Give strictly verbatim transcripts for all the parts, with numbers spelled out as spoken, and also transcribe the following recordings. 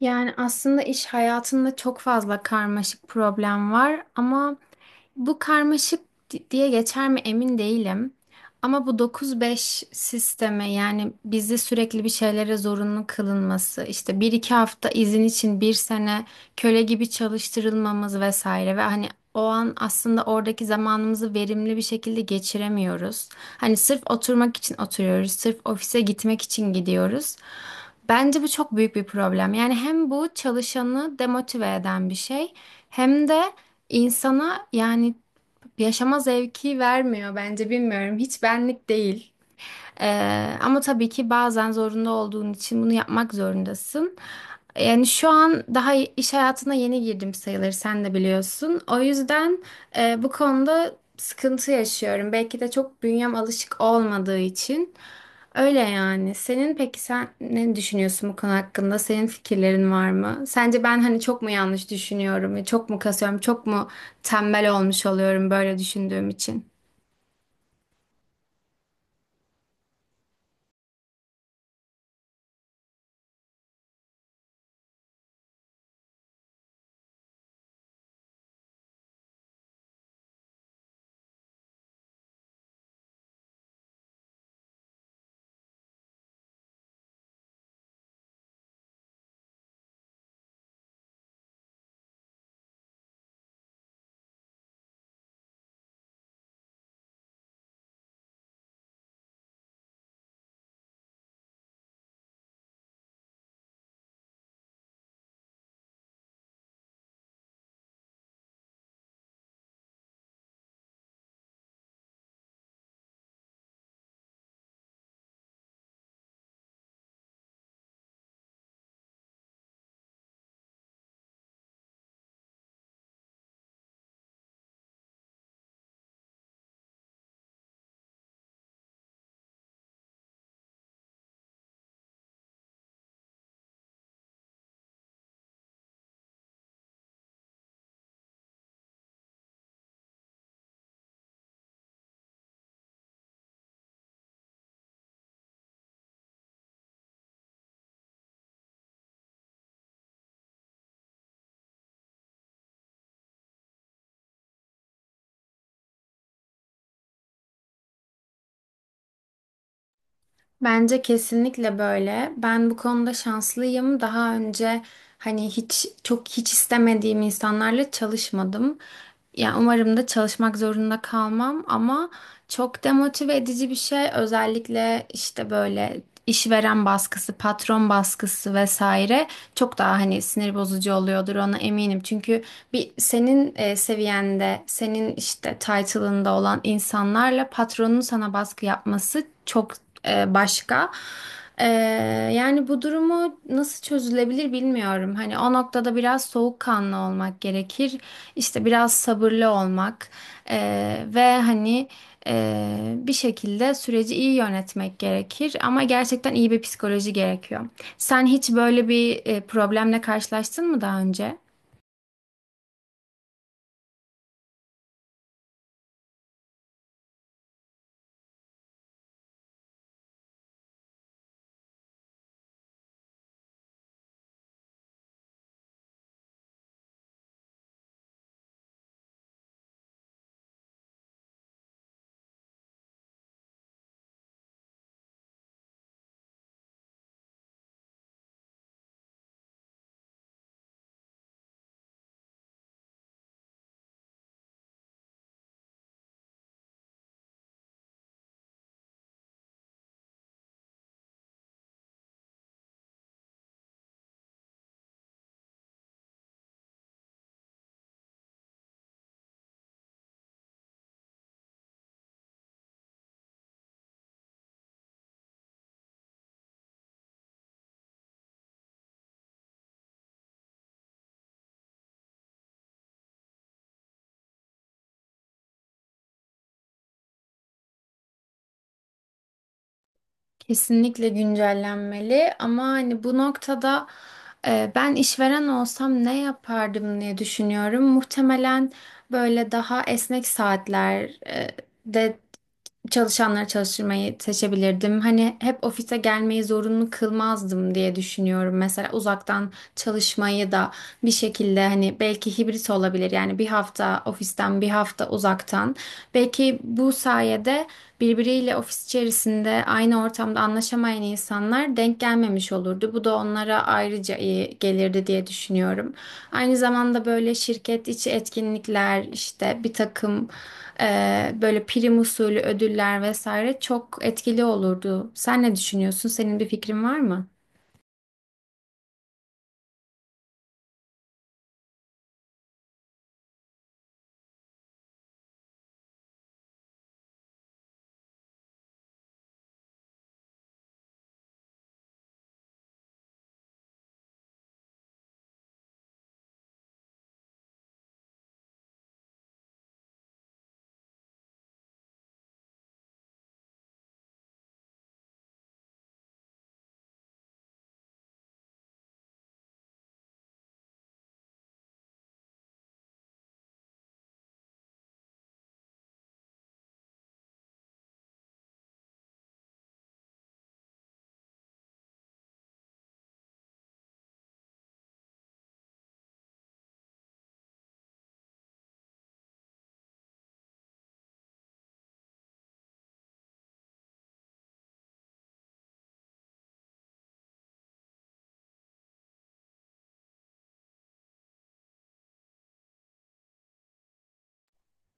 Yani aslında iş hayatında çok fazla karmaşık problem var ama bu karmaşık di- diye geçer mi emin değilim. Ama bu dokuz beş sisteme, yani bizi sürekli bir şeylere zorunlu kılınması, işte bir iki hafta izin için bir sene köle gibi çalıştırılmamız vesaire ve hani o an aslında oradaki zamanımızı verimli bir şekilde geçiremiyoruz. Hani sırf oturmak için oturuyoruz, sırf ofise gitmek için gidiyoruz. Bence bu çok büyük bir problem. Yani hem bu çalışanı demotive eden bir şey, hem de insana, yani yaşama zevki vermiyor, bence bilmiyorum. Hiç benlik değil. Ee, ama tabii ki bazen zorunda olduğun için bunu yapmak zorundasın. Yani şu an daha iş hayatına yeni girdim sayılır, sen de biliyorsun. O yüzden e, bu konuda sıkıntı yaşıyorum. Belki de çok bünyem alışık olmadığı için. Öyle yani. Senin, peki sen ne düşünüyorsun bu konu hakkında? Senin fikirlerin var mı? Sence ben hani çok mu yanlış düşünüyorum? Çok mu kasıyorum? Çok mu tembel olmuş oluyorum böyle düşündüğüm için? Bence kesinlikle böyle. Ben bu konuda şanslıyım. Daha önce hani hiç çok hiç istemediğim insanlarla çalışmadım. Ya umarım da çalışmak zorunda kalmam, ama çok demotive edici bir şey. Özellikle işte böyle işveren baskısı, patron baskısı vesaire çok daha hani sinir bozucu oluyordur, ona eminim. Çünkü bir senin e, seviyende, senin işte title'ında olan insanlarla patronun sana baskı yapması çok e, başka. E, Yani bu durumu nasıl çözülebilir bilmiyorum. Hani o noktada biraz soğukkanlı olmak gerekir. İşte biraz sabırlı olmak, E, ve hani ee, bir şekilde süreci iyi yönetmek gerekir, ama gerçekten iyi bir psikoloji gerekiyor. Sen hiç böyle bir e, problemle karşılaştın mı daha önce? Kesinlikle güncellenmeli, ama hani bu noktada e, ben işveren olsam ne yapardım diye düşünüyorum. Muhtemelen böyle daha esnek saatler e, de çalışanları çalıştırmayı seçebilirdim. Hani hep ofise gelmeyi zorunlu kılmazdım diye düşünüyorum. Mesela uzaktan çalışmayı da bir şekilde hani belki hibrit olabilir. Yani bir hafta ofisten, bir hafta uzaktan. Belki bu sayede birbiriyle ofis içerisinde aynı ortamda anlaşamayan insanlar denk gelmemiş olurdu. Bu da onlara ayrıca iyi gelirdi diye düşünüyorum. Aynı zamanda böyle şirket içi etkinlikler, işte bir takım ee, böyle prim usulü ödüller vesaire çok etkili olurdu. Sen ne düşünüyorsun? Senin bir fikrin var mı?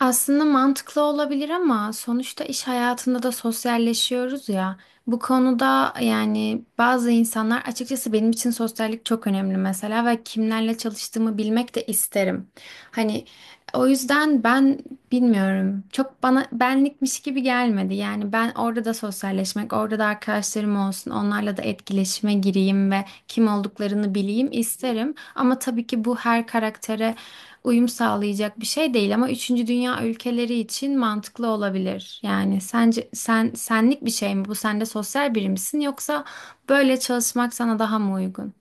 Aslında mantıklı olabilir, ama sonuçta iş hayatında da sosyalleşiyoruz ya. Bu konuda, yani bazı insanlar, açıkçası benim için sosyallik çok önemli mesela ve kimlerle çalıştığımı bilmek de isterim. Hani o yüzden ben bilmiyorum. Çok bana benlikmiş gibi gelmedi. Yani ben orada da sosyalleşmek, orada da arkadaşlarım olsun, onlarla da etkileşime gireyim ve kim olduklarını bileyim isterim. Ama tabii ki bu her karaktere uyum sağlayacak bir şey değil, ama üçüncü dünya ülkeleri için mantıklı olabilir. Yani sence sen senlik bir şey mi bu? Sen de sosyal biri misin, yoksa böyle çalışmak sana daha mı uygun?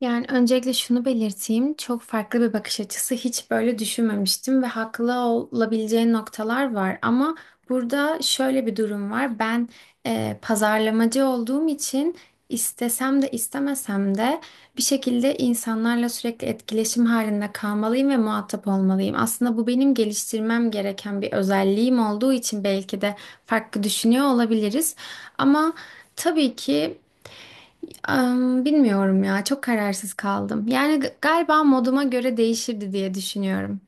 Yani öncelikle şunu belirteyim. Çok farklı bir bakış açısı. Hiç böyle düşünmemiştim ve haklı olabileceği noktalar var. Ama burada şöyle bir durum var. Ben e, pazarlamacı olduğum için istesem de istemesem de bir şekilde insanlarla sürekli etkileşim halinde kalmalıyım ve muhatap olmalıyım. Aslında bu benim geliştirmem gereken bir özelliğim olduğu için belki de farklı düşünüyor olabiliriz. Ama tabii ki Am, bilmiyorum ya, çok kararsız kaldım. Yani g- galiba moduma göre değişirdi diye düşünüyorum.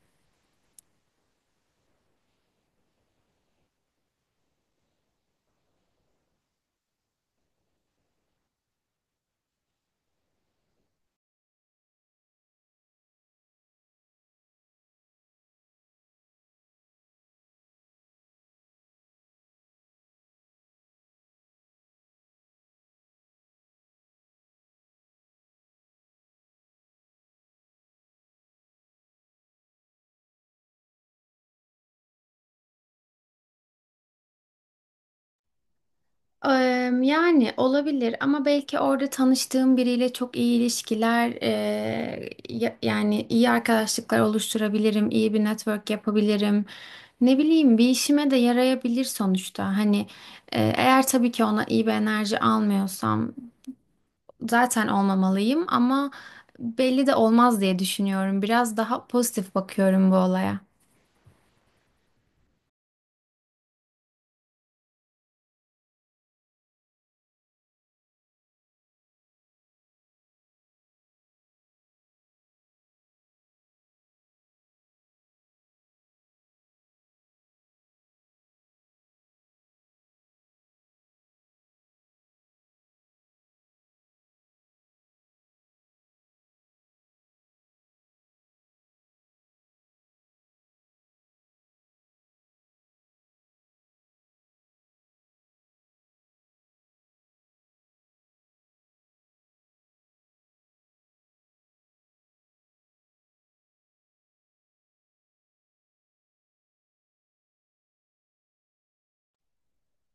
Am, yani olabilir, ama belki orada tanıştığım biriyle çok iyi ilişkiler eee, ya- yani iyi arkadaşlıklar oluşturabilirim, iyi bir network yapabilirim. Ne bileyim, bir işime de yarayabilir sonuçta. Hani e, eğer tabii ki ona iyi bir enerji almıyorsam zaten olmamalıyım, ama belli de olmaz diye düşünüyorum. Biraz daha pozitif bakıyorum bu olaya.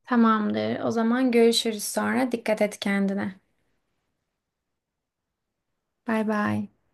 Tamamdır. O zaman görüşürüz sonra. Dikkat et kendine. Bay bay.